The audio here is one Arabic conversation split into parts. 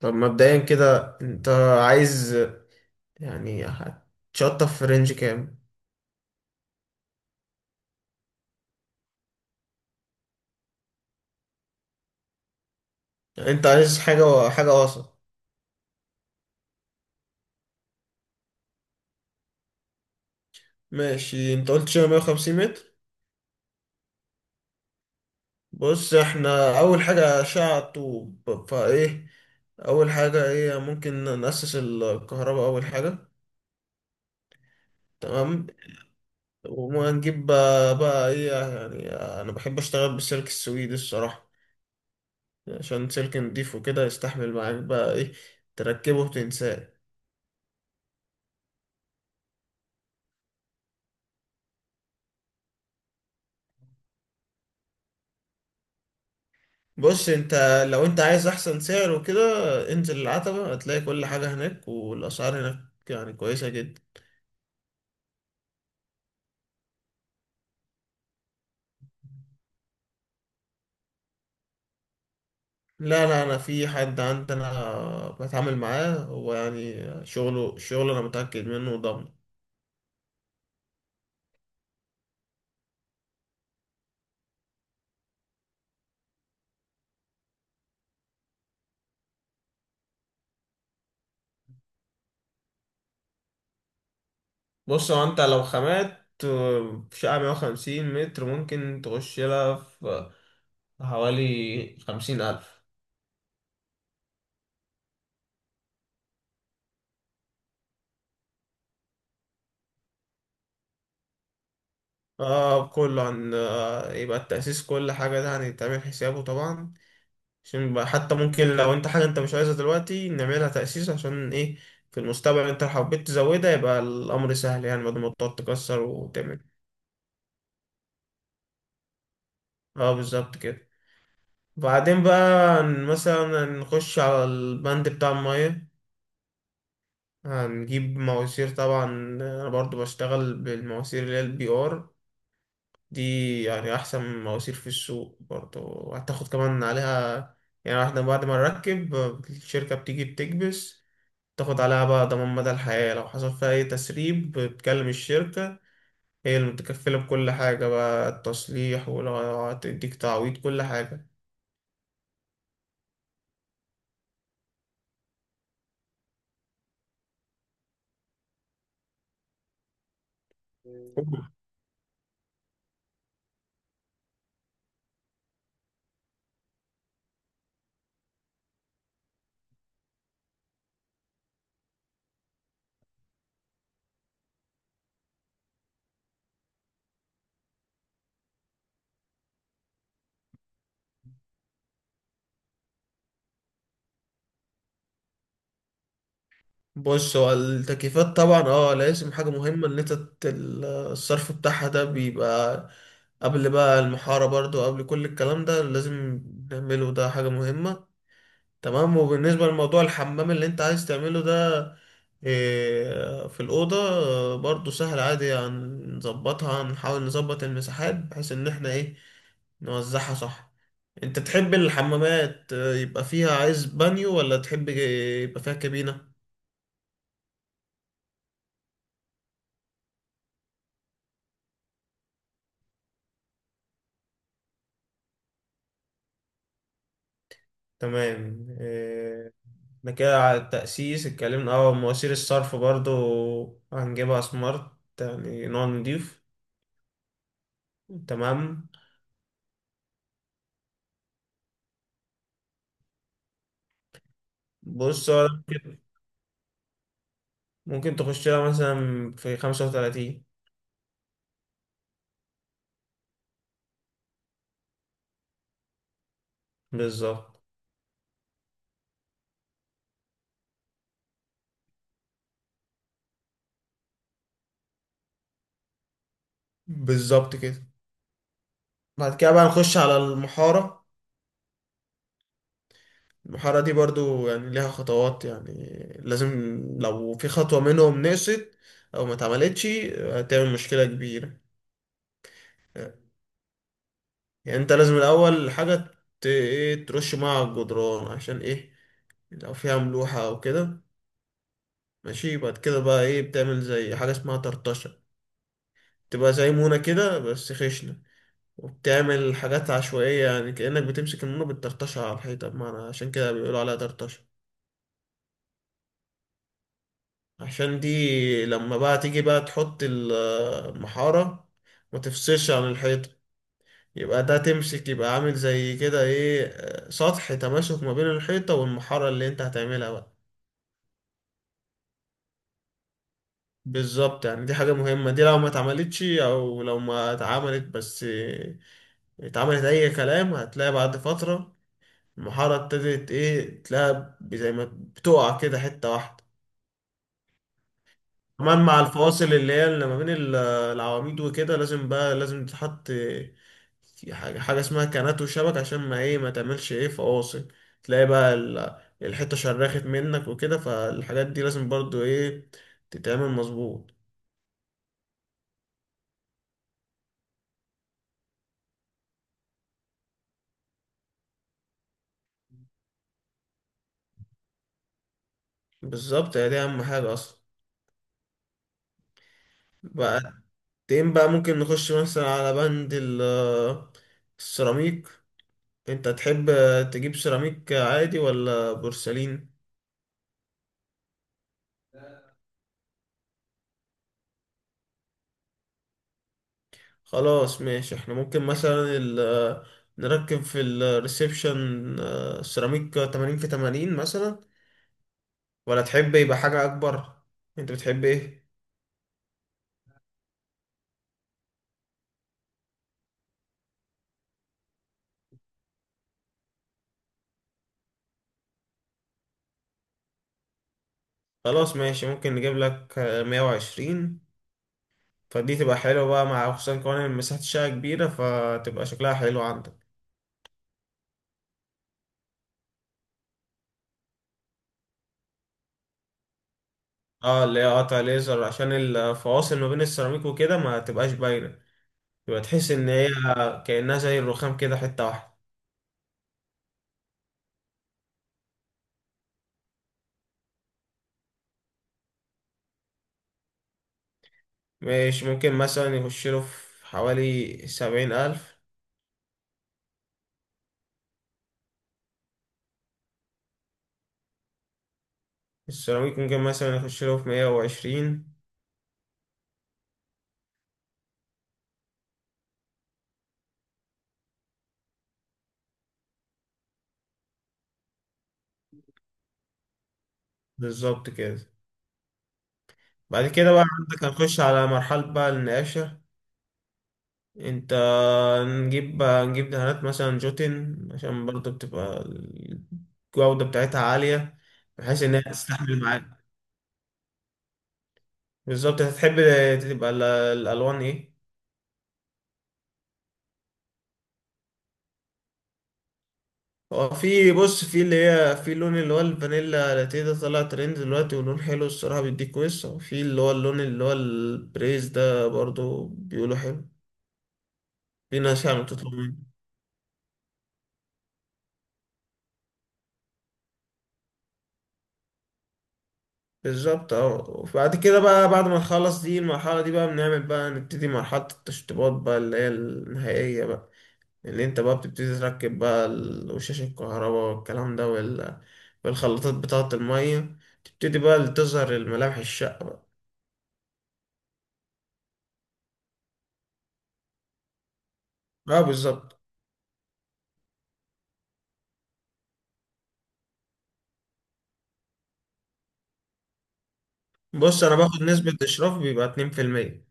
طب مبدئيا كده انت عايز، هتشطف في رينج كام؟ يعني انت عايز حاجة حاجة وسط. ماشي، انت قلت شبه 150 متر. بص، احنا اول حاجة اشعة طوب فايه. اول حاجة ايه؟ ممكن نأسس الكهرباء اول حاجة. تمام. وهنجيب بقى ايه؟ يعني انا بحب اشتغل بالسلك السويدي الصراحة، عشان سلك نضيف وكده يستحمل معاك. بقى ايه؟ تركبه وتنساه. بص انت، لو انت عايز احسن سعر وكده، انزل العتبة هتلاقي كل حاجة هناك والاسعار هناك، يعني كويسة جدا. لا لا، انا في حد عندنا بتعامل معاه، هو يعني شغله شغله، انا متأكد منه وضامن. بص هو انت لو خامات في شقة 150 متر ممكن تخش لها في حوالي 50,000. اه، كله عن، يبقى التأسيس كل حاجة ده هنتعمل حسابه طبعا، عشان يبقى حتى ممكن لو انت حاجة انت مش عايزها دلوقتي نعملها تأسيس. عشان ايه؟ في المستقبل انت لو حبيت تزودها يبقى الأمر سهل، يعني بدل ما تقعد تكسر وتعمل. اه بالظبط كده. بعدين بقى مثلا نخش على البند بتاع المية. هنجيب مواسير، طبعا انا برضو بشتغل بالمواسير اللي هي البي ار دي، يعني احسن مواسير في السوق برضو، وهتاخد كمان عليها. يعني احنا بعد ما نركب، الشركة بتيجي بتكبس، تاخد عليها بقى ضمان مدى الحياة، لو حصل فيها أي تسريب بتكلم الشركة، هي اللي متكفلة بكل حاجة بقى، التصليح ولو هتديك تعويض كل حاجة. بص، هو التكييفات طبعا اه لازم حاجة مهمة ان انت الصرف بتاعها ده بيبقى قبل بقى المحارة برضو، قبل كل الكلام ده لازم نعمله، ده حاجة مهمة. تمام، وبالنسبة لموضوع الحمام اللي انت عايز تعمله ده في الأوضة، برضو سهل عادي، هنظبطها، هنحاول نظبط المساحات بحيث ان احنا ايه نوزعها صح. انت تحب الحمامات يبقى فيها عايز بانيو، ولا تحب يبقى فيها كابينة؟ تمام، احنا كده على التأسيس اتكلمنا. اه، مواسير الصرف برضو هنجيبها سمارت، يعني نوع نضيف. تمام. بص ممكن تخش لها مثلا في 35. بالظبط بالظبط كده. بعد كده بقى نخش على المحارة. المحارة دي برضو يعني ليها خطوات يعني، لازم لو في خطوة منهم نقصت أو ما اتعملتش هتعمل مشكلة كبيرة. يعني أنت لازم الأول حاجة ت- إيه ترش مع الجدران. عشان إيه؟ لو فيها ملوحة أو كده. ماشي، بعد كده بقى إيه؟ بتعمل زي حاجة اسمها طرطشة، تبقى زي مونة كده بس خشنة، وبتعمل حاجات عشوائية يعني، كأنك بتمسك النور بتطرطشها على الحيطة، بمعنى عشان كده بيقولوا عليها طرطشة. عشان دي لما بقى تيجي بقى تحط المحارة، ما تفصلش عن الحيطة، يبقى ده تمسك، يبقى عامل زي كده ايه، سطح تماسك ما بين الحيطة والمحارة اللي انت هتعملها بقى. بالظبط، يعني دي حاجة مهمة، دي لو ما اتعملتش او لو ما اتعملت بس، اتعملت اي كلام، هتلاقي بعد فترة المحاره ابتدت ايه، تلاقيها زي ما بتقع كده حته واحده. كمان مع الفواصل اللي هي اللي ما بين العواميد وكده، لازم بقى لازم تتحط في حاجه حاجه اسمها كانات وشبك، عشان ما ايه ما تعملش ايه فواصل، تلاقي بقى الحته شرخت منك وكده، فالحاجات دي لازم برضو ايه تتعمل مظبوط. بالظبط، هي دي اهم حاجه اصلا. بقى تين بقى، ممكن نخش مثلا على بند السيراميك. انت تحب تجيب سيراميك عادي ولا بورسلين؟ خلاص ماشي، احنا ممكن مثلا نركب في الريسبشن، سيراميك 80 في 80 مثلا، ولا تحب يبقى حاجة اكبر؟ انت بتحب ايه؟ خلاص ماشي، ممكن نجيب لك 120، فدي تبقى حلوة بقى، مع خصوصا كمان ان مساحة الشقة كبيرة فتبقى شكلها حلو عندك. اه، اللي هي قطع ليزر عشان الفواصل ما بين السيراميك وكده ما تبقاش باينة، يبقى تحس ان هي كأنها زي الرخام كده حتة واحدة. مش ممكن مثلا يخش له في حوالي 70 ألف. السيراميك ممكن مثلا يخش له في 120. بالظبط كده. بعد كده بقى عندك هنخش على مرحلة بقى النقاشة. انت نجيب بقى، نجيب دهانات مثلا جوتن، عشان برضه بتبقى الجودة بتاعتها عالية، بحيث إنها تستحمل معاك. بالظبط، هتحب تبقى الألوان إيه؟ هو في، بص، في اللي هي في اللون اللي هو الفانيلا لاتيه، ده طلع ترند دلوقتي، ولون حلو الصراحة، بيديك وش. وفي اللي هو اللون اللي هو البريز، ده برضو بيقولوا حلو، في ناس يعني بتطلب منه. بالظبط اه، وبعد كده بقى، بعد ما نخلص دي المرحلة دي بقى، بنعمل بقى نبتدي مرحلة التشطيبات بقى اللي هي النهائية بقى، اللي انت بقى بتبتدي تركب بقى وشاش الكهرباء والكلام ده والخلاطات بتاعة المية، تبتدي بقى تظهر الملامح الشقة بقى. اه بالظبط. بص انا باخد نسبة اشراف بيبقى 2%.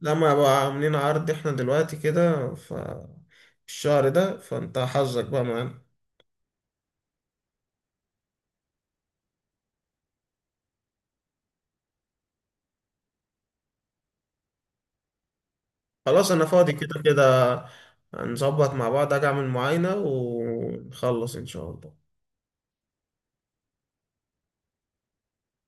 لما بقى عاملين عرض احنا دلوقتي كده ف الشهر ده، فانت حظك بقى معانا. خلاص انا فاضي كده كده. هنظبط مع بعض، اجي اعمل معاينة ونخلص ان شاء الله.